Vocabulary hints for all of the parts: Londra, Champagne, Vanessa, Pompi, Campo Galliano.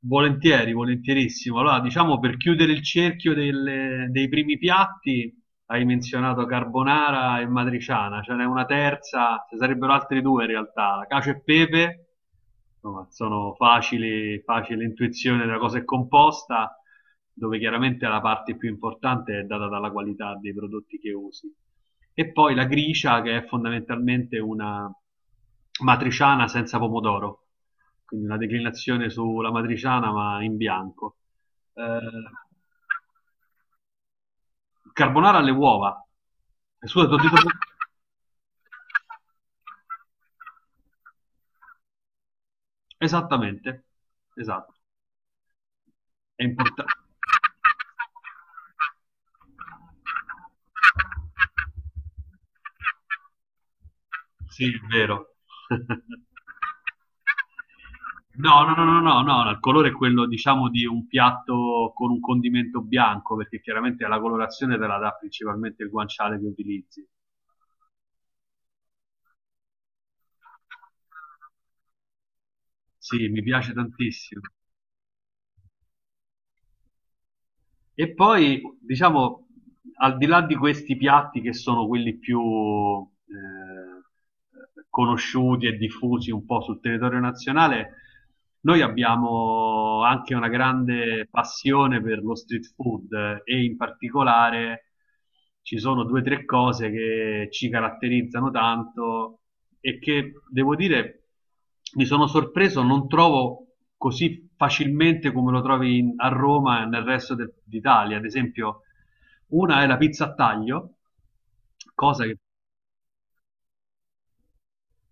Volentieri, volentierissimo. Allora, diciamo per chiudere il cerchio dei primi piatti, hai menzionato carbonara e matriciana, ce n'è una terza, ce sarebbero altri due in realtà, la cacio e pepe insomma, sono facili, facile intuizione della cosa è composta, dove chiaramente la parte più importante è data dalla qualità dei prodotti che usi. E poi la gricia, che è fondamentalmente una matriciana senza pomodoro, quindi una declinazione sulla matriciana ma in bianco. Eh, carbonara alle uova. Scusa, ti ho detto... Esattamente, esatto, è importante. Sì, vero. No, no, no, no, no, no, il colore è quello, diciamo, di un piatto con un condimento bianco, perché chiaramente la colorazione te la dà principalmente il guanciale che utilizzi. Sì, mi piace tantissimo. E poi, diciamo, al di là di questi piatti che sono quelli più conosciuti e diffusi un po' sul territorio nazionale, noi abbiamo anche una grande passione per lo street food e in particolare ci sono due o tre cose che ci caratterizzano tanto e che devo dire mi sono sorpreso, non trovo così facilmente come lo trovi a Roma e nel resto d'Italia. Ad esempio, una è la pizza a taglio, cosa che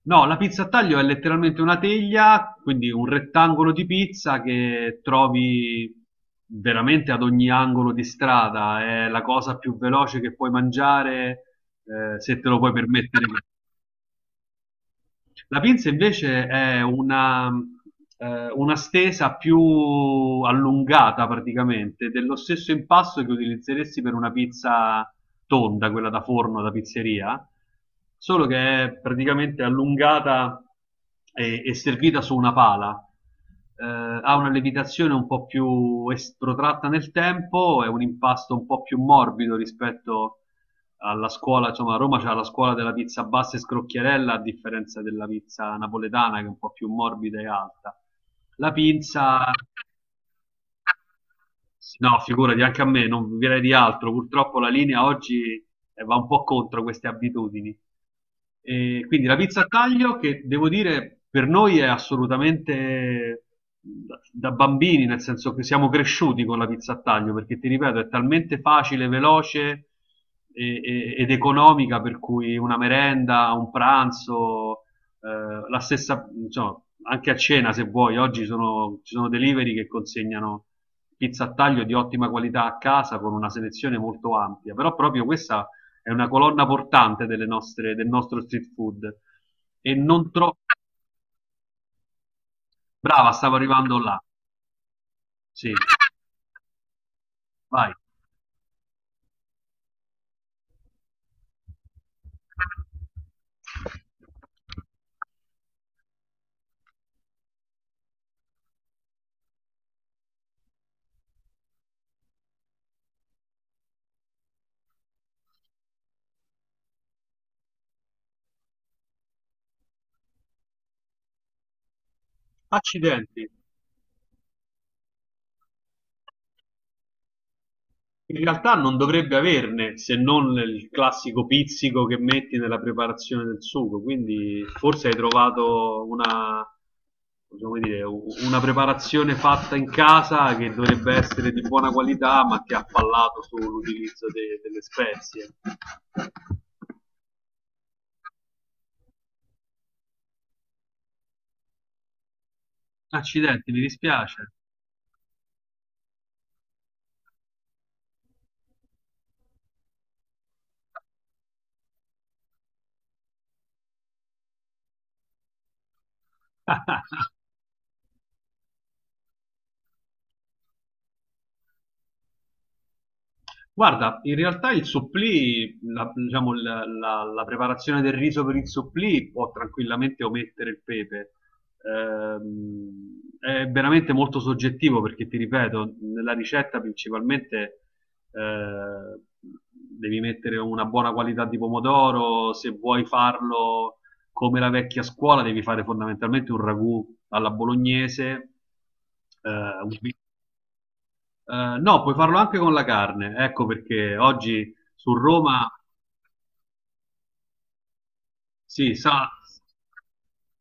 no, la pizza a taglio è letteralmente una teglia, quindi un rettangolo di pizza che trovi veramente ad ogni angolo di strada. È la cosa più veloce che puoi mangiare, se te lo puoi permettere. La pinza invece è una stesa più allungata praticamente, dello stesso impasto che utilizzeresti per una pizza tonda, quella da forno, da pizzeria, solo che è praticamente allungata e servita su una pala. Ha una levitazione un po' più protratta nel tempo, è un impasto un po' più morbido rispetto alla scuola, insomma a Roma c'è la scuola della pizza bassa e scrocchiarella a differenza della pizza napoletana che è un po' più morbida e alta. La pizza no, figurati, anche a me, non direi di altro. Purtroppo la linea oggi va un po' contro queste abitudini. E quindi la pizza a taglio, che devo dire per noi è assolutamente da bambini, nel senso che siamo cresciuti con la pizza a taglio, perché ti ripeto, è talmente facile, veloce ed economica, per cui una merenda, un pranzo, la stessa, insomma, anche a cena se vuoi, ci sono delivery che consegnano pizza a taglio di ottima qualità a casa con una selezione molto ampia, però proprio questa è una colonna portante delle nostre, del nostro street food e non troppo brava, stavo arrivando là. Sì, vai. Accidenti. In realtà non dovrebbe averne, se non il classico pizzico che metti nella preparazione del sugo, quindi forse hai trovato una, possiamo dire, una preparazione fatta in casa che dovrebbe essere di buona qualità, ma che ha fallato sull'utilizzo delle spezie. Accidenti, mi dispiace. Guarda, in realtà il supplì, la, diciamo, la preparazione del riso per il supplì può tranquillamente omettere il pepe. È veramente molto soggettivo perché, ti ripeto, nella ricetta principalmente eh, devi mettere una buona qualità di pomodoro, se vuoi farlo come la vecchia scuola devi fare fondamentalmente un ragù alla bolognese, eh, un, no, puoi farlo anche con la carne, ecco perché oggi su Roma si sa.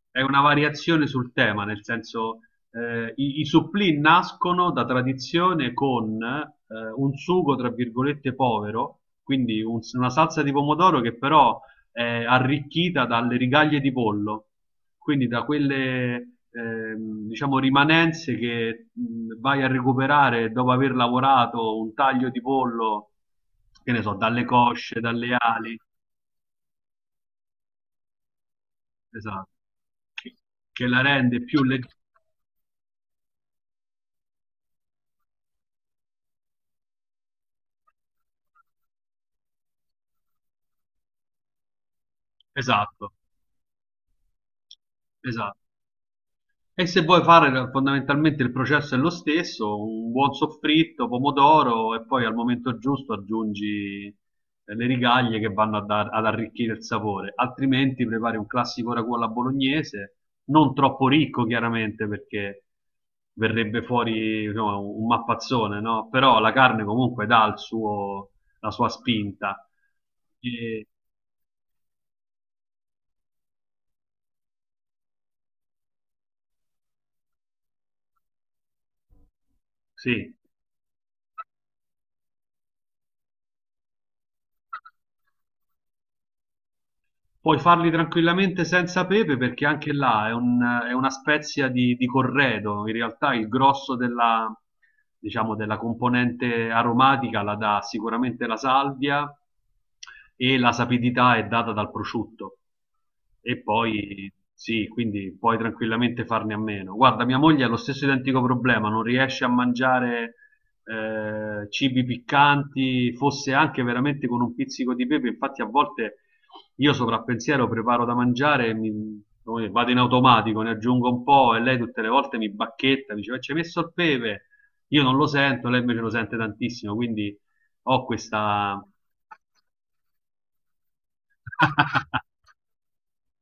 È una variazione sul tema, nel senso i supplì nascono da tradizione con un sugo, tra virgolette, povero, quindi una salsa di pomodoro che però è arricchita dalle rigaglie di pollo, quindi da quelle diciamo rimanenze che vai a recuperare dopo aver lavorato un taglio di pollo, che ne so, dalle cosce, dalle ali, esatto, che che la rende più leggera. Esatto. Esatto. E se vuoi fare fondamentalmente il processo è lo stesso, un buon soffritto, pomodoro e poi al momento giusto aggiungi le rigaglie che vanno a ad arricchire il sapore, altrimenti prepari un classico ragù alla bolognese, non troppo ricco chiaramente perché verrebbe fuori insomma, un mappazzone, no? Però la carne comunque dà la sua spinta. E- sì, puoi farli tranquillamente senza pepe perché anche là è una spezia di corredo. In realtà il grosso della, diciamo, della componente aromatica la dà sicuramente la salvia e la sapidità è data dal prosciutto. E poi sì, quindi puoi tranquillamente farne a meno. Guarda, mia moglie ha lo stesso identico problema, non riesce a mangiare cibi piccanti, fosse anche veramente con un pizzico di pepe, infatti a volte io sovrappensiero preparo da mangiare e come vado in automatico, ne aggiungo un po' e lei tutte le volte mi bacchetta, mi dice, "Ma ci hai messo il pepe? Io non lo sento, lei invece lo sente tantissimo, quindi ho questa...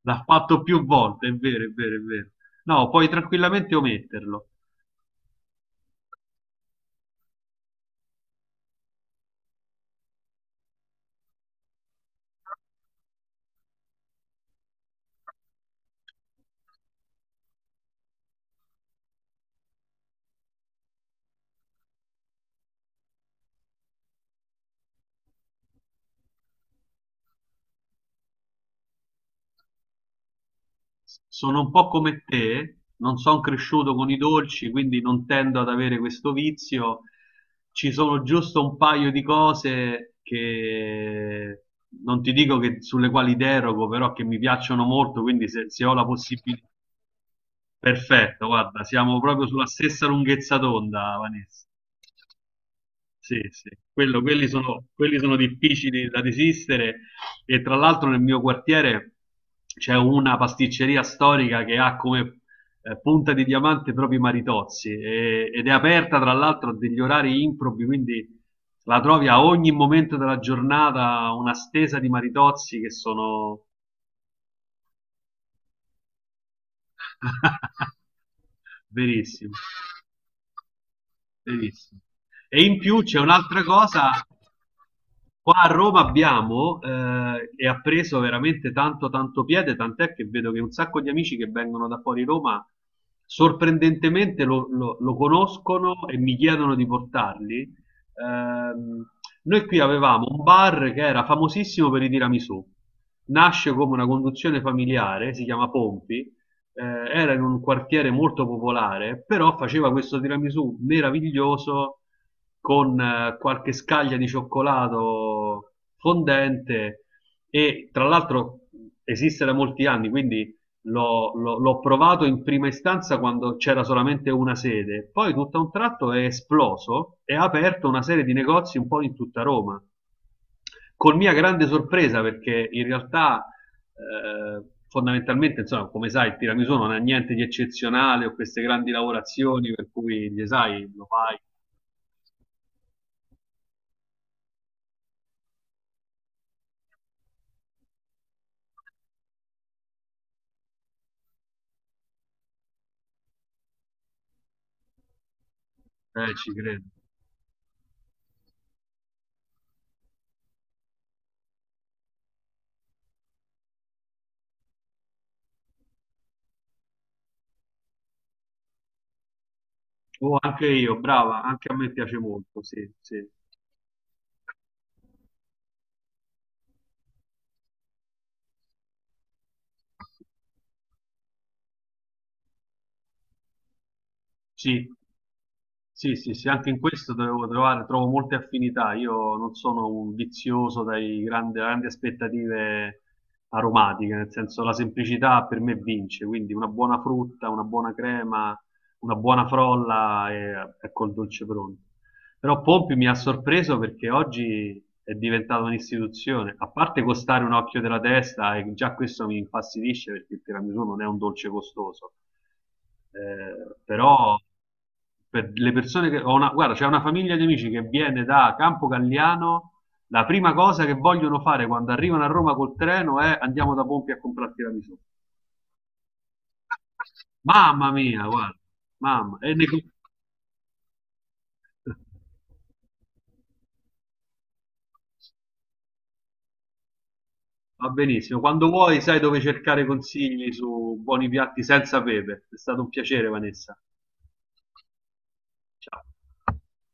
L'ha fatto più volte, è vero, è vero, è vero. No, puoi tranquillamente ometterlo. Sono un po' come te, non son cresciuto con i dolci, quindi non tendo ad avere questo vizio. Ci sono giusto un paio di cose che non ti dico che sulle quali derogo, però che mi piacciono molto, quindi se ho la possibilità... Perfetto, guarda, siamo proprio sulla stessa lunghezza d'onda, Vanessa. Sì, sì, quelli sono difficili da resistere e tra l'altro nel mio quartiere c'è una pasticceria storica che ha come punta di diamante proprio i maritozzi ed è aperta tra l'altro a degli orari improbi, quindi la trovi a ogni momento della giornata una stesa di maritozzi che sono verissimi. Benissimo. E in più c'è un'altra cosa, qua a Roma abbiamo e ha preso veramente tanto tanto piede, tant'è che vedo che un sacco di amici che vengono da fuori Roma sorprendentemente lo conoscono e mi chiedono di portarli. Ehm, noi qui avevamo un bar che era famosissimo per i tiramisù, nasce come una conduzione familiare, si chiama Pompi, era in un quartiere molto popolare, però faceva questo tiramisù meraviglioso con qualche scaglia di cioccolato fondente e tra l'altro esiste da molti anni, quindi l'ho provato in prima istanza quando c'era solamente una sede, poi tutto a un tratto è esploso e ha aperto una serie di negozi un po' in tutta Roma. Con mia grande sorpresa, perché in realtà fondamentalmente, insomma, come sai, il tiramisù non ha niente di eccezionale o queste grandi lavorazioni per cui gli sai, lo fai, ci credo. Oh, anche io, brava, anche a me piace molto, sì, sì, sì. Sì, sì, sì, anche in questo devo trovare, trovo molte affinità. Io non sono un vizioso dai grandi, grandi aspettative aromatiche, nel senso la semplicità per me vince, quindi una buona frutta, una buona crema, una buona frolla e ecco il dolce pronto. Però Pompi mi ha sorpreso perché oggi è diventato un'istituzione, a parte costare un occhio della testa, e già questo mi infastidisce perché il tiramisù non è un dolce costoso però per le persone che ho una, guarda, c'è una famiglia di amici che viene da Campo Galliano, la prima cosa che vogliono fare quando arrivano a Roma col treno è andiamo da Pompi a comprarti la tiramisù. Mamma mia, guarda, mamma, e ne... va benissimo. Quando vuoi sai dove cercare consigli su buoni piatti senza pepe. È stato un piacere, Vanessa. Ciao.